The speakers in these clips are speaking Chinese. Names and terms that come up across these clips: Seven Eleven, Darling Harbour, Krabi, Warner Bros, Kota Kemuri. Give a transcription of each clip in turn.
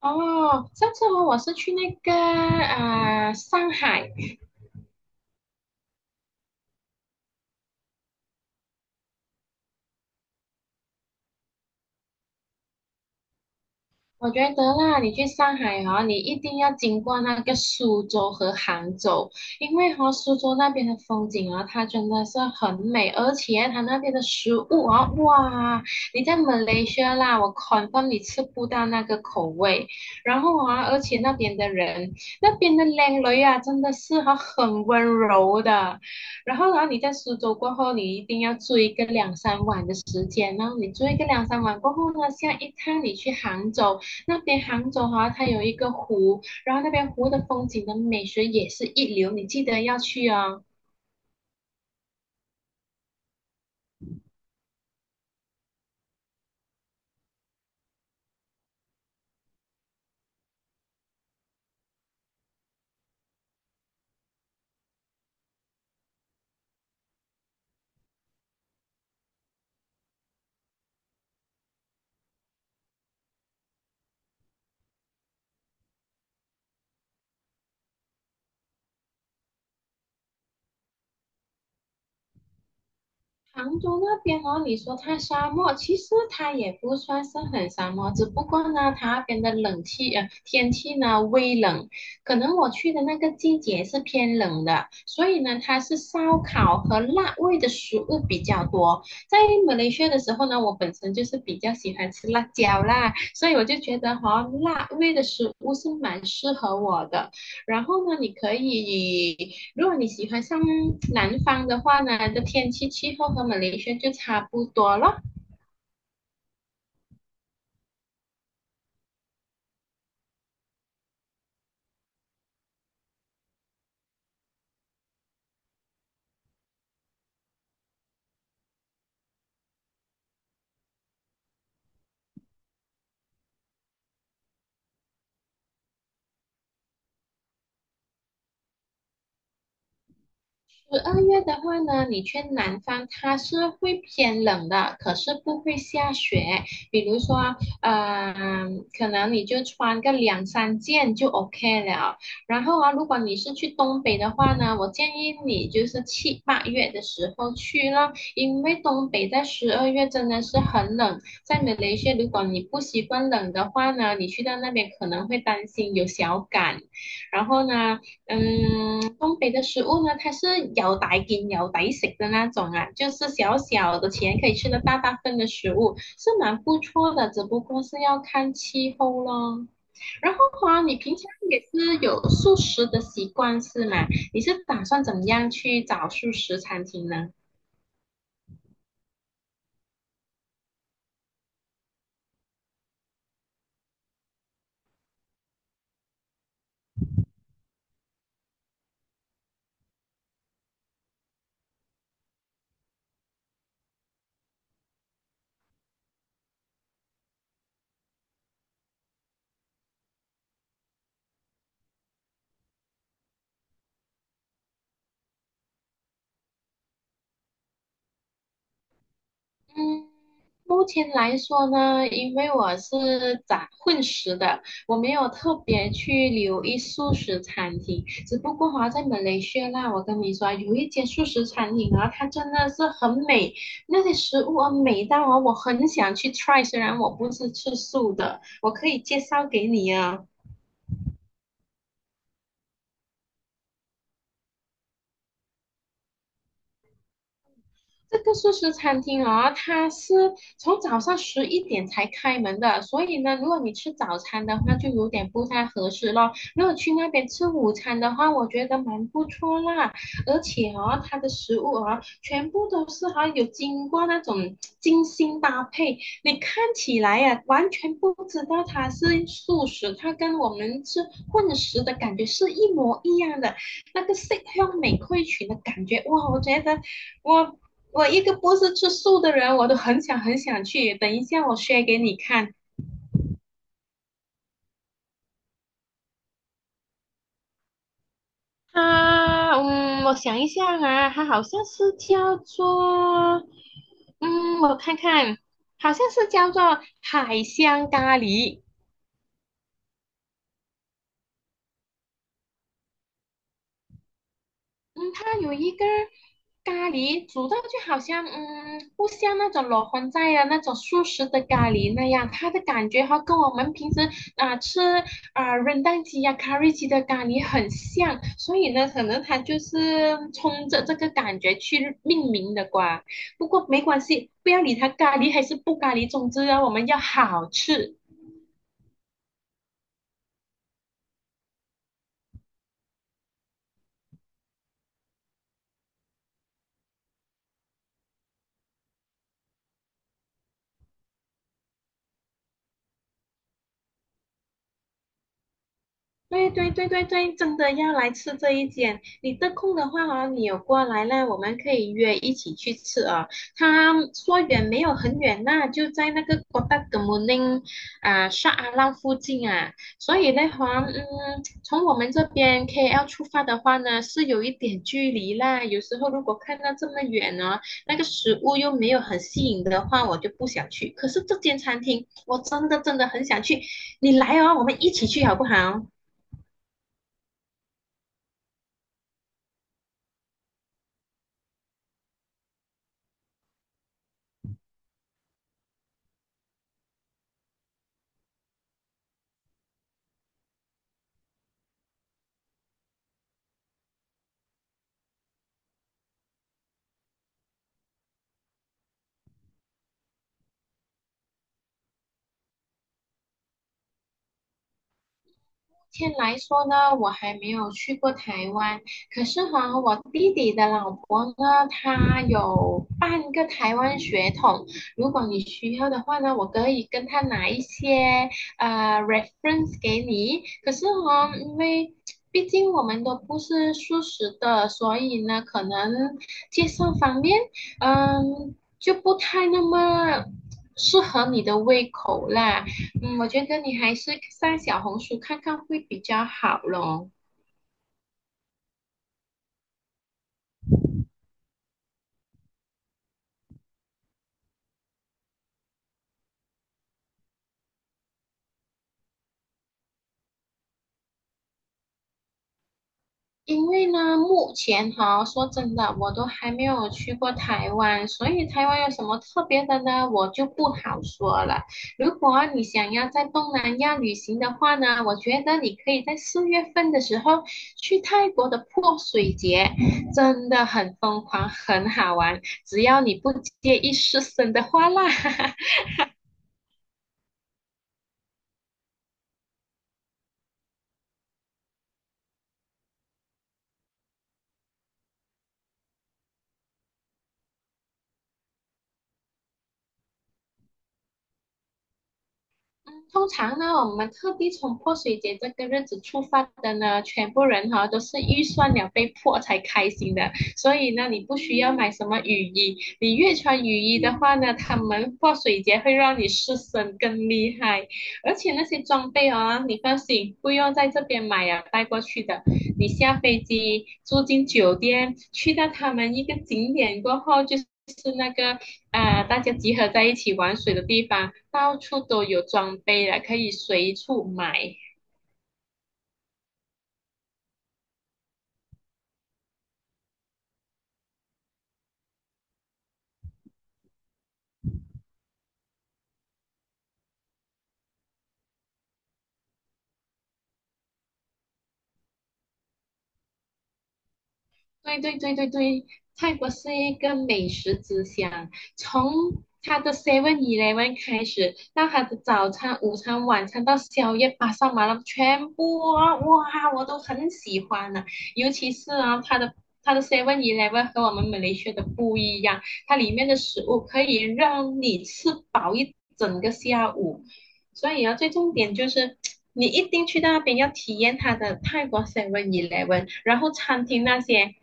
哦，上次哦，我是去那个啊、上海。我觉得啦，你去上海哈、你一定要经过那个苏州和杭州，因为哈、苏州那边的风景啊，它真的是很美，而且它那边的食物啊，哇，你在马来西亚啦，我 c o n 你吃不到那个口味。然后啊，而且那边的人，那边的靓女啊，真的是哈、很温柔的。然后啊，你在苏州过后，你一定要住一个两三晚的时间，然后你住一个两三晚过后呢，下一趟你去杭州。那边杭州哈、啊它有一个湖，然后那边湖的风景的美学也是一流，你记得要去哦。杭州那边哦，你说它沙漠，其实它也不算是很沙漠，只不过呢，它那边的天气呢微冷，可能我去的那个季节是偏冷的，所以呢，它是烧烤和辣味的食物比较多。在马来西亚的时候呢，我本身就是比较喜欢吃辣椒啦，所以我就觉得哈、辣味的食物是蛮适合我的。然后呢，你可以。如果你喜欢上南方的话呢，的天气气候和马来西亚就差不多了。十二月的话呢，你去南方，它是会偏冷的，可是不会下雪。比如说，可能你就穿个两三件就 OK 了。然后啊，如果你是去东北的话呢，我建议你就是七八月的时候去咯，因为东北在十二月真的是很冷。在马来西亚，如果你不习惯冷的话呢，你去到那边可能会担心有小感。然后呢，东北的食物呢，它是有抵劲、有抵食的那种啊，就是小小的钱可以吃的大大份的食物，是蛮不错的，只不过是要看气候咯。然后啊，你平常也是有素食的习惯是吗？你是打算怎么样去找素食餐厅呢？嗯，目前来说呢，因为我是杂混食的，我没有特别去留意素食餐厅。只不过哈、在马来西亚啦，我跟你说，有一间素食餐厅啊，它真的是很美，那些食物啊美到啊，我很想去 try。虽然我不是吃素的，我可以介绍给你啊。这个素食餐厅哦，它是从早上11点才开门的，所以呢，如果你吃早餐的话，就有点不太合适咯。如果去那边吃午餐的话，我觉得蛮不错啦。而且哦，它的食物哦，全部都是哈、有经过那种精心搭配，你看起来呀、完全不知道它是素食，它跟我们吃混食的感觉是一模一样的，那个色香味俱全的感觉，哇，我觉得。我我一个不是吃素的人，我都很想很想去。等一下我 s 给你看。啊，我想一下啊，它好像是叫做，我看看，好像是叫做海香咖喱。嗯，它有一个咖喱煮到就好像，不像那种裸荤菜啊，那种素食的咖喱那样，它的感觉哈跟我们平时啊、吃啊、润蛋鸡呀、咖喱鸡的咖喱很像，所以呢，可能它就是冲着这个感觉去命名的吧。不过没关系，不要理它咖喱还是不咖喱，总之呢，我们要好吃。对对对对对，真的要来吃这一间。你得空的话啊，你有过来呢，我们可以约一起去吃啊。他说远没有很远呐、就在那个 Kota k e m u n i 啊沙阿浪附近啊。所以的话，从我们这边 KL 出发的话呢，是有一点距离啦。有时候如果看到这么远呢，那个食物又没有很吸引的话，我就不想去。可是这间餐厅，我真的真的很想去。你来哦，我们一起去好不好？目前来说呢，我还没有去过台湾，可是哈，我弟弟的老婆呢，她有半个台湾血统。如果你需要的话呢，我可以跟他拿一些reference 给你。可是哈，因为毕竟我们都不是素食的，所以呢，可能介绍方面，就不太那么适合你的胃口啦。我觉得你还是上小红书看看会比较好咯。因为呢，目前哈，说真的，我都还没有去过台湾，所以台湾有什么特别的呢，我就不好说了。如果你想要在东南亚旅行的话呢，我觉得你可以在4月份的时候去泰国的泼水节，真的很疯狂，很好玩，只要你不介意湿身的话啦。嗯，通常呢，我们特地从泼水节这个日子出发的呢，全部人哈都是预算了被迫才开心的，所以呢，你不需要买什么雨衣，你越穿雨衣的话呢，他们泼水节会让你湿身更厉害，而且那些装备哦，你放心，不用在这边买啊，带过去的，你下飞机住进酒店，去到他们一个景点过后就是大家集合在一起玩水的地方，到处都有装备了，可以随处买。对对对对对，泰国是一个美食之乡，从它的 Seven Eleven 开始，到它的早餐、午餐、晚餐，到宵夜、巴沙马拉，全部啊哇，我都很喜欢呢、啊尤其是啊，它的 Seven Eleven 和我们美来西亚的不一样，它里面的食物可以让你吃饱一整个下午，所以啊，最重点就是你一定去到那边要体验它的泰国 Seven Eleven，然后餐厅那些，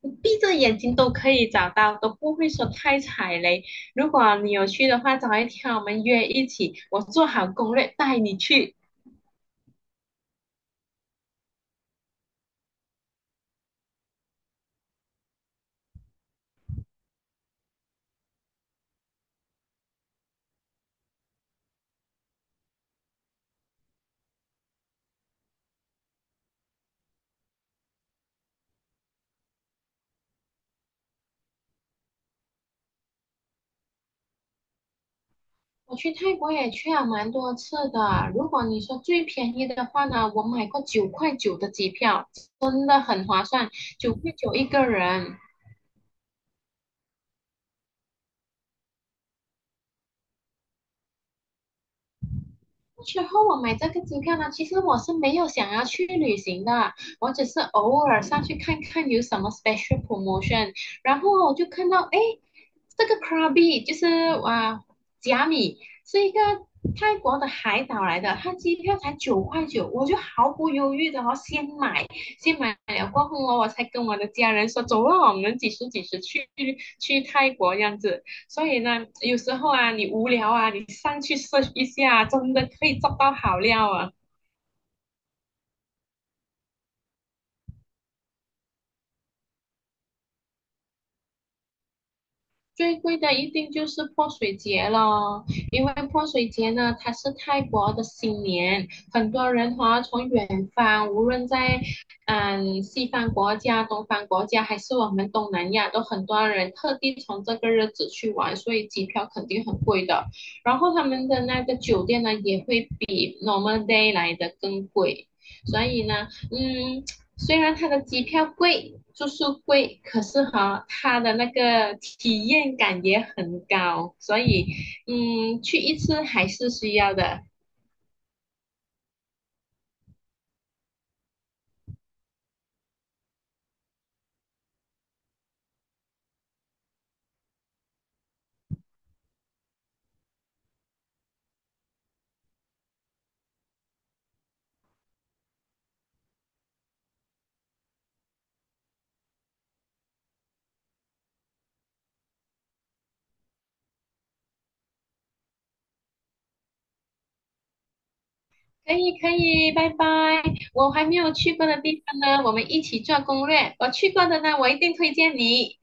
你闭着眼睛都可以找到，都不会说太踩雷。如果你有去的话，找一天我们约一起，我做好攻略带你去。我去泰国也去了蛮多次的，如果你说最便宜的话呢，我买过九块九的机票，真的很划算，九块九一个人。最后我买这个机票呢，其实我是没有想要去旅行的，我只是偶尔上去看看有什么 special promotion，然后我就看到，哎，这个 Krabi 就是啊，甲米是一个泰国的海岛来的，它机票才九块九，我就毫不犹豫的哦，先买，先买了过后哦，我才跟我的家人说，走啊，我们几时几时去泰国这样子。所以呢，有时候啊，你无聊啊，你上去 s 一下，真的可以找到好料啊。最贵的一定就是泼水节了，因为泼水节呢，它是泰国的新年，很多人哈、从远方，无论在西方国家、东方国家，还是我们东南亚，都很多人特地从这个日子去玩，所以机票肯定很贵的。然后他们的那个酒店呢，也会比 normal day 来的更贵，所以呢，虽然它的机票贵，住宿贵，可是哈，它的那个体验感也很高，所以，去一次还是需要的。可以可以，拜拜。我还没有去过的地方呢，我们一起做攻略。我去过的呢，我一定推荐你。